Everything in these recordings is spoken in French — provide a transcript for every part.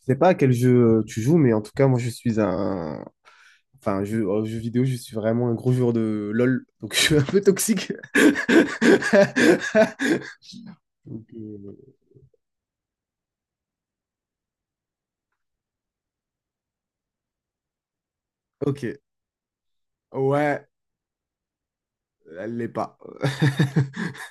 Je sais pas à quel jeu tu joues, mais en tout cas, moi, je suis un... Enfin, jeu, jeu vidéo, je suis vraiment un gros joueur de LOL, donc je suis un peu toxique. Donc, euh, Ok, ouais, elle l'est pas.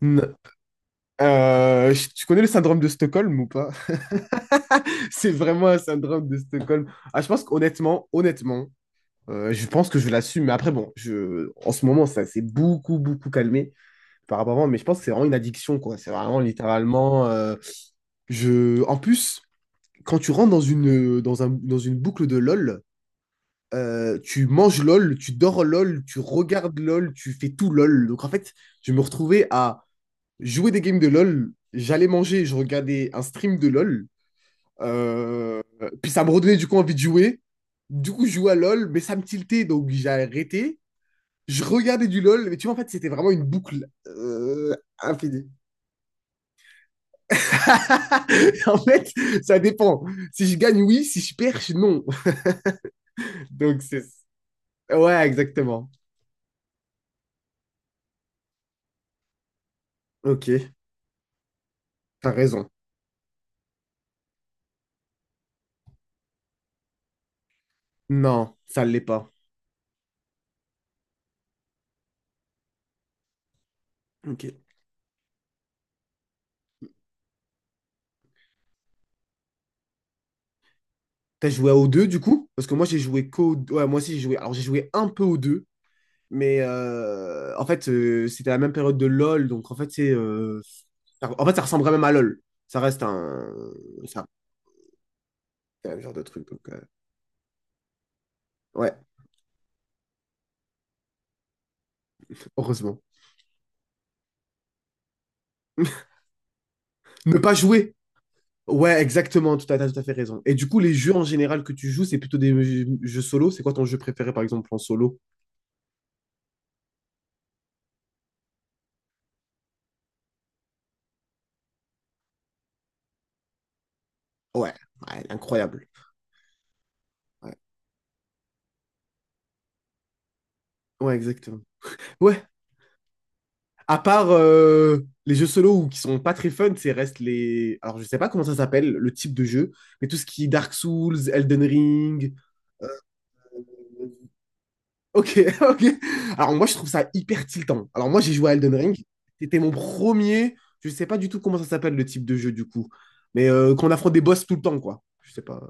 Non. Tu connais le syndrome de Stockholm ou pas? C'est vraiment un syndrome de Stockholm. Ah, je pense qu'honnêtement, honnêtement, je pense que je l'assume. Mais après, bon, en ce moment, ça s'est beaucoup, beaucoup calmé. Par rapport à moi, mais je pense que c'est vraiment une addiction, quoi. C'est vraiment littéralement. Je... En plus, quand tu rentres dans une boucle de LOL, tu manges LOL, tu dors LOL, tu regardes LOL, tu fais tout LOL. Donc en fait, je me retrouvais à jouer des games de LOL, j'allais manger, je regardais un stream de LOL, euh, puis ça me redonnait du coup envie de jouer. Du coup, je jouais à LOL, mais ça me tiltait, donc j'ai arrêté. Je regardais du LOL, mais tu vois, en fait, c'était vraiment une boucle infinie. En fait, ça dépend. Si je gagne, oui. Si je perds, non. Donc, c'est... Ouais, exactement. Ok, t'as raison. Non, ça l'est pas. Ok. T'as joué au deux du coup? Parce que moi, j'ai joué qu'au... Ouais, moi aussi, j'ai joué... Alors, j'ai joué un peu au deux. Mais en fait, c'était la même période de LoL. Donc, en fait, en fait, ça ressemblait même à LoL. Ça reste un... Ça... C'est un genre de truc. Ouais, heureusement. Ne pas jouer. Ouais, exactement, tu as tout à fait raison. Et du coup, les jeux en général que tu joues, c'est plutôt des jeux solo. C'est quoi ton jeu préféré, par exemple, en solo? Ouais, ouais, incroyable. Ouais, ouais, exactement. Ouais, à part les jeux solo ou qui sont pas très fun, c'est reste les... Alors, je sais pas comment ça s'appelle, le type de jeu, mais tout ce qui est Dark Souls, Elden Ring... Ok, ok. Alors, moi, je trouve ça hyper tiltant. Alors, moi, j'ai joué à Elden Ring. C'était mon premier... Je sais pas du tout comment ça s'appelle, le type de jeu, du coup. Mais qu'on affronte des boss tout le temps, quoi. Je sais pas.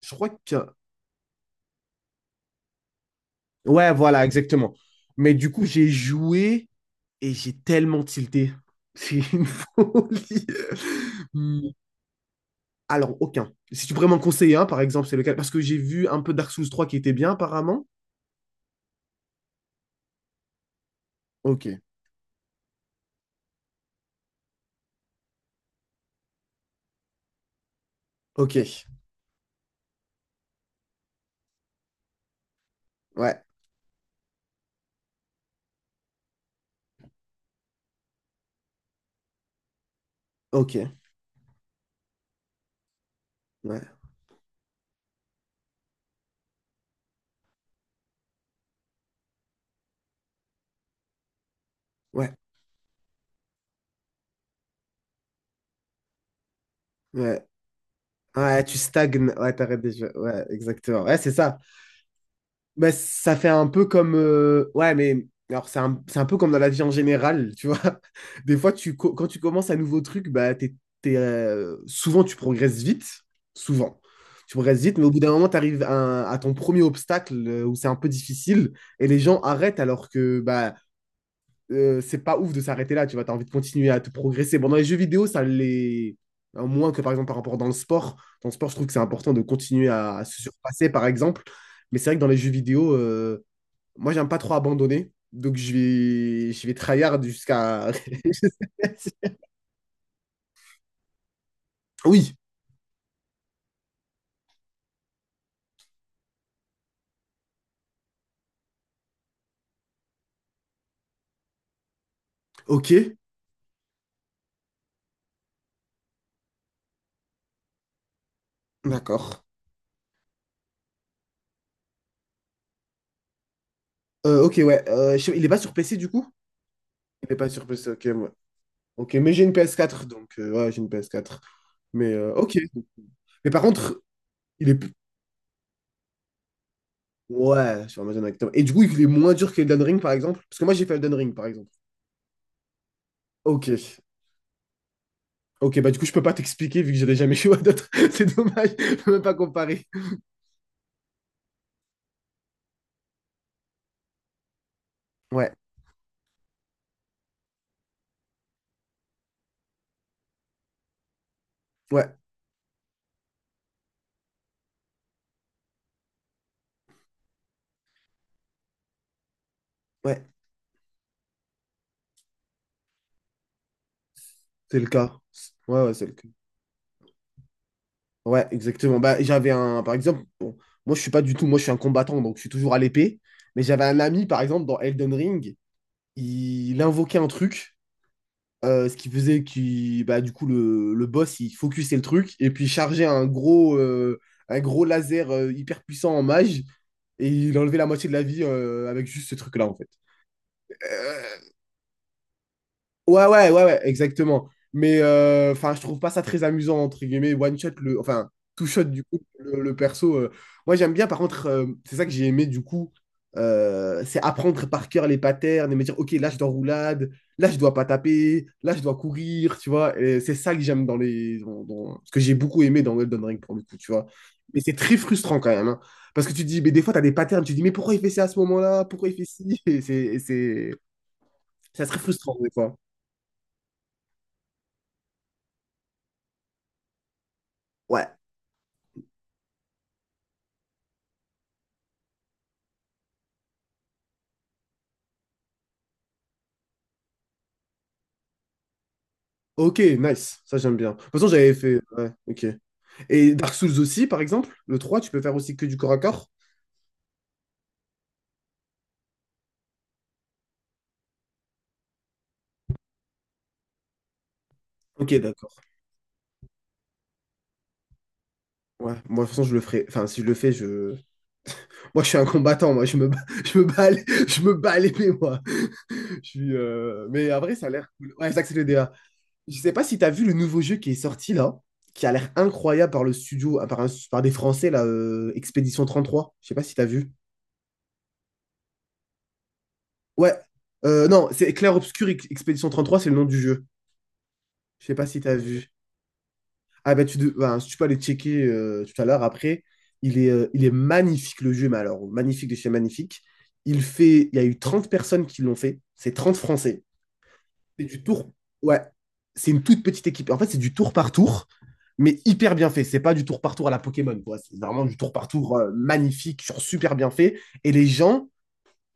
Je crois que. Ouais, voilà, exactement. Mais du coup, j'ai joué et j'ai tellement tilté. C'est une folie. Hmm. Alors, aucun. Si tu pourrais m'en conseiller un, par exemple, c'est lequel? Parce que j'ai vu un peu Dark Souls 3 qui était bien, apparemment. Ok. Ok. Ouais. Ok. Ouais. Ouais. Ouais. Ouais, tu stagnes. Ouais, t'arrêtes déjà. Ouais, exactement. Ouais, c'est ça. Bah, ça fait un peu comme. Ouais, mais alors c'est un peu comme dans la vie en général, tu vois. Des fois, quand tu commences un nouveau truc, bah, souvent tu progresses vite. Souvent. Tu progresses vite, mais au bout d'un moment, tu arrives à ton premier obstacle où c'est un peu difficile et les gens arrêtent alors que c'est pas ouf de s'arrêter là, tu vois, t'as envie de continuer à te progresser. Bon, dans les jeux vidéo, ça l'est, hein, moins que par exemple par rapport dans le sport. Dans le sport, je trouve que c'est important de continuer à se surpasser, par exemple. Mais c'est vrai que dans les jeux vidéo, moi, j'aime pas trop abandonner. Donc, je vais tryhard jusqu'à. Oui, ok, d'accord. Ok, ouais. Il est pas sur PC du coup? Il n'est pas sur PC, ok, ouais. Ok, mais j'ai une PS4, donc ouais, j'ai une PS4. Mais ok. Mais par contre, il est, ouais, sur Amazon exactement. Et du coup, il est moins dur que Elden Ring, par exemple? Parce que moi, j'ai fait Elden Ring, par exemple. Ok. Ok, bah du coup, je peux pas t'expliquer vu que j'avais jamais joué à d'autres. C'est dommage, je peux même pas comparer. Ouais, ouais, ouais, c'est le cas. Ouais, ouais, c'est le cas. Ouais, exactement. Bah, j'avais un, par exemple, bon, moi, je suis pas du tout, moi, je suis un combattant, donc je suis toujours à l'épée. Mais j'avais un ami, par exemple, dans Elden Ring, il invoquait un truc. Ce qui faisait que bah, du coup le boss il focusait le truc et puis il chargeait un gros laser hyper puissant en mage et il enlevait la moitié de la vie avec juste ce truc-là en fait. Euh, Ouais, ouais, ouais, ouais, exactement. Mais enfin, je trouve pas ça très amusant, entre guillemets, one shot, enfin, two shot, du coup, le perso. Moi, j'aime bien, par contre, c'est ça que j'ai aimé, du coup, c'est apprendre par cœur les patterns et me dire, OK, là, je dois roulade, là, je dois pas taper, là, je dois courir, tu vois. Et c'est ça que j'aime dans ce que j'ai beaucoup aimé dans Elden Ring, pour le coup, tu vois. Mais c'est très frustrant quand même, hein. Parce que tu te dis, mais des fois, tu as des patterns, tu te dis, mais pourquoi il fait ça à ce moment-là? Pourquoi il fait ci? Ça serait frustrant, des fois. Ouais. Ok, nice, ça j'aime bien. De toute façon, j'avais fait. Ouais, ok. Et Dark Souls aussi, par exemple, le 3, tu peux faire aussi que du corps à corps? Ok, d'accord. Ouais, moi de toute façon, je le ferai. Enfin, si je le fais, je. Moi, je suis un combattant, moi, je me bats, je me bats à l'é- je me bats à l'épée, moi. Mais après, ça a l'air cool. Ouais, ça, c'est le DA. Je sais pas si t'as vu le nouveau jeu qui est sorti là, qui a l'air incroyable par le studio, ah, par des Français là, Expédition 33. Je sais pas si t'as vu. Ouais, non, c'est Clair Obscur Expédition 33, c'est le nom du jeu. Je sais pas si t'as vu. Ah ben, si tu peux aller checker tout à l'heure après, il est magnifique le jeu, mais alors magnifique de chez magnifique. Il y a eu 30 personnes qui l'ont fait, c'est 30 Français. C'est du tour, ouais, c'est une toute petite équipe. En fait, c'est du tour par tour, mais hyper bien fait. C'est pas du tour par tour à la Pokémon, quoi. C'est vraiment du tour par tour magnifique, genre super bien fait. Et les gens,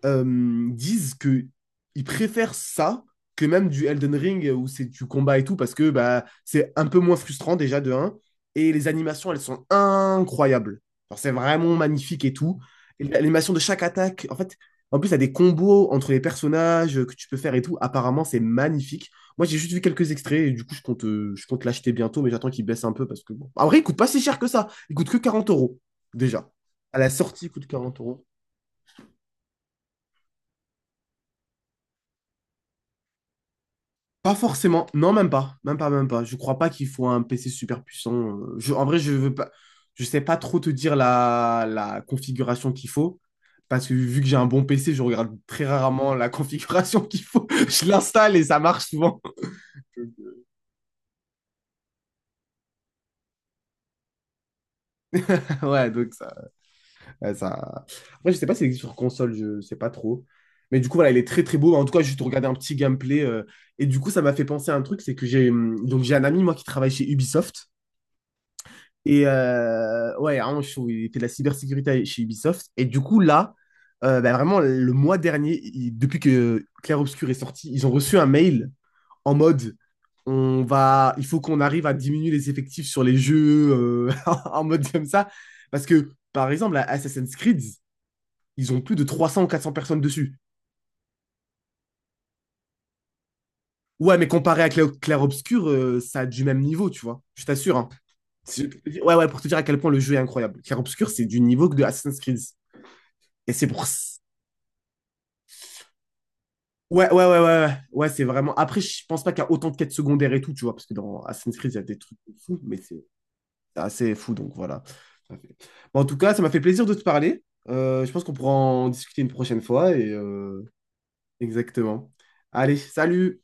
disent que ils préfèrent ça que même du Elden Ring où c'est du combat et tout parce que bah c'est un peu moins frustrant déjà de un et les animations elles sont incroyables. Genre, c'est vraiment magnifique et tout. Et l'animation de chaque attaque, en fait, en plus, il y a des combos entre les personnages que tu peux faire et tout. Apparemment, c'est magnifique. Moi, j'ai juste vu quelques extraits et du coup, je compte l'acheter bientôt, mais j'attends qu'il baisse un peu parce que, bon. En vrai, il coûte pas si cher que ça. Il coûte que 40 euros, déjà. À la sortie, il coûte 40 euros. Pas forcément. Non, même pas. Même pas, même pas. Je crois pas qu'il faut un PC super puissant. En vrai, je veux pas. Je sais pas trop te dire la configuration qu'il faut. Parce que vu que j'ai un bon PC, je regarde très rarement la configuration qu'il faut. Je l'installe et ça marche souvent. Ouais, donc ça, ouais, ça. Après, je sais pas s'il existe sur console, je sais pas trop. Mais du coup, voilà, il est très très beau. En tout cas, j'ai juste regardé un petit gameplay. Et du coup, ça m'a fait penser à un truc, c'est que j'ai donc j'ai un ami moi qui travaille chez Ubisoft. Ouais, à un moment, il était de la cybersécurité chez Ubisoft. Et du coup, là, bah, vraiment, le mois dernier, depuis que Clair Obscur est sorti, ils ont reçu un mail en mode il faut qu'on arrive à diminuer les effectifs sur les jeux en mode comme ça. Parce que, par exemple, à Assassin's Creed, ils ont plus de 300 ou 400 personnes dessus. Ouais, mais comparé à Clair Obscur, ça a du même niveau, tu vois. Je t'assure, hein. C'est- Ouais, ouais, pour te dire à quel point le jeu est incroyable. Clair Obscur, c'est du niveau que de Assassin's Creed. Et c'est pour. s- Ouais, ouais, ouais, ouais, ouais, ouais, c'est vraiment. Après, je pense pas qu'il y a autant de quêtes secondaires et tout, tu vois, parce que dans Assassin's Creed, il y a des trucs de fous, mais c'est assez fou, donc voilà. Ça fait- Bon, en tout cas, ça m'a fait plaisir de te parler. Je pense qu'on pourra en discuter une prochaine fois exactement. Allez, salut!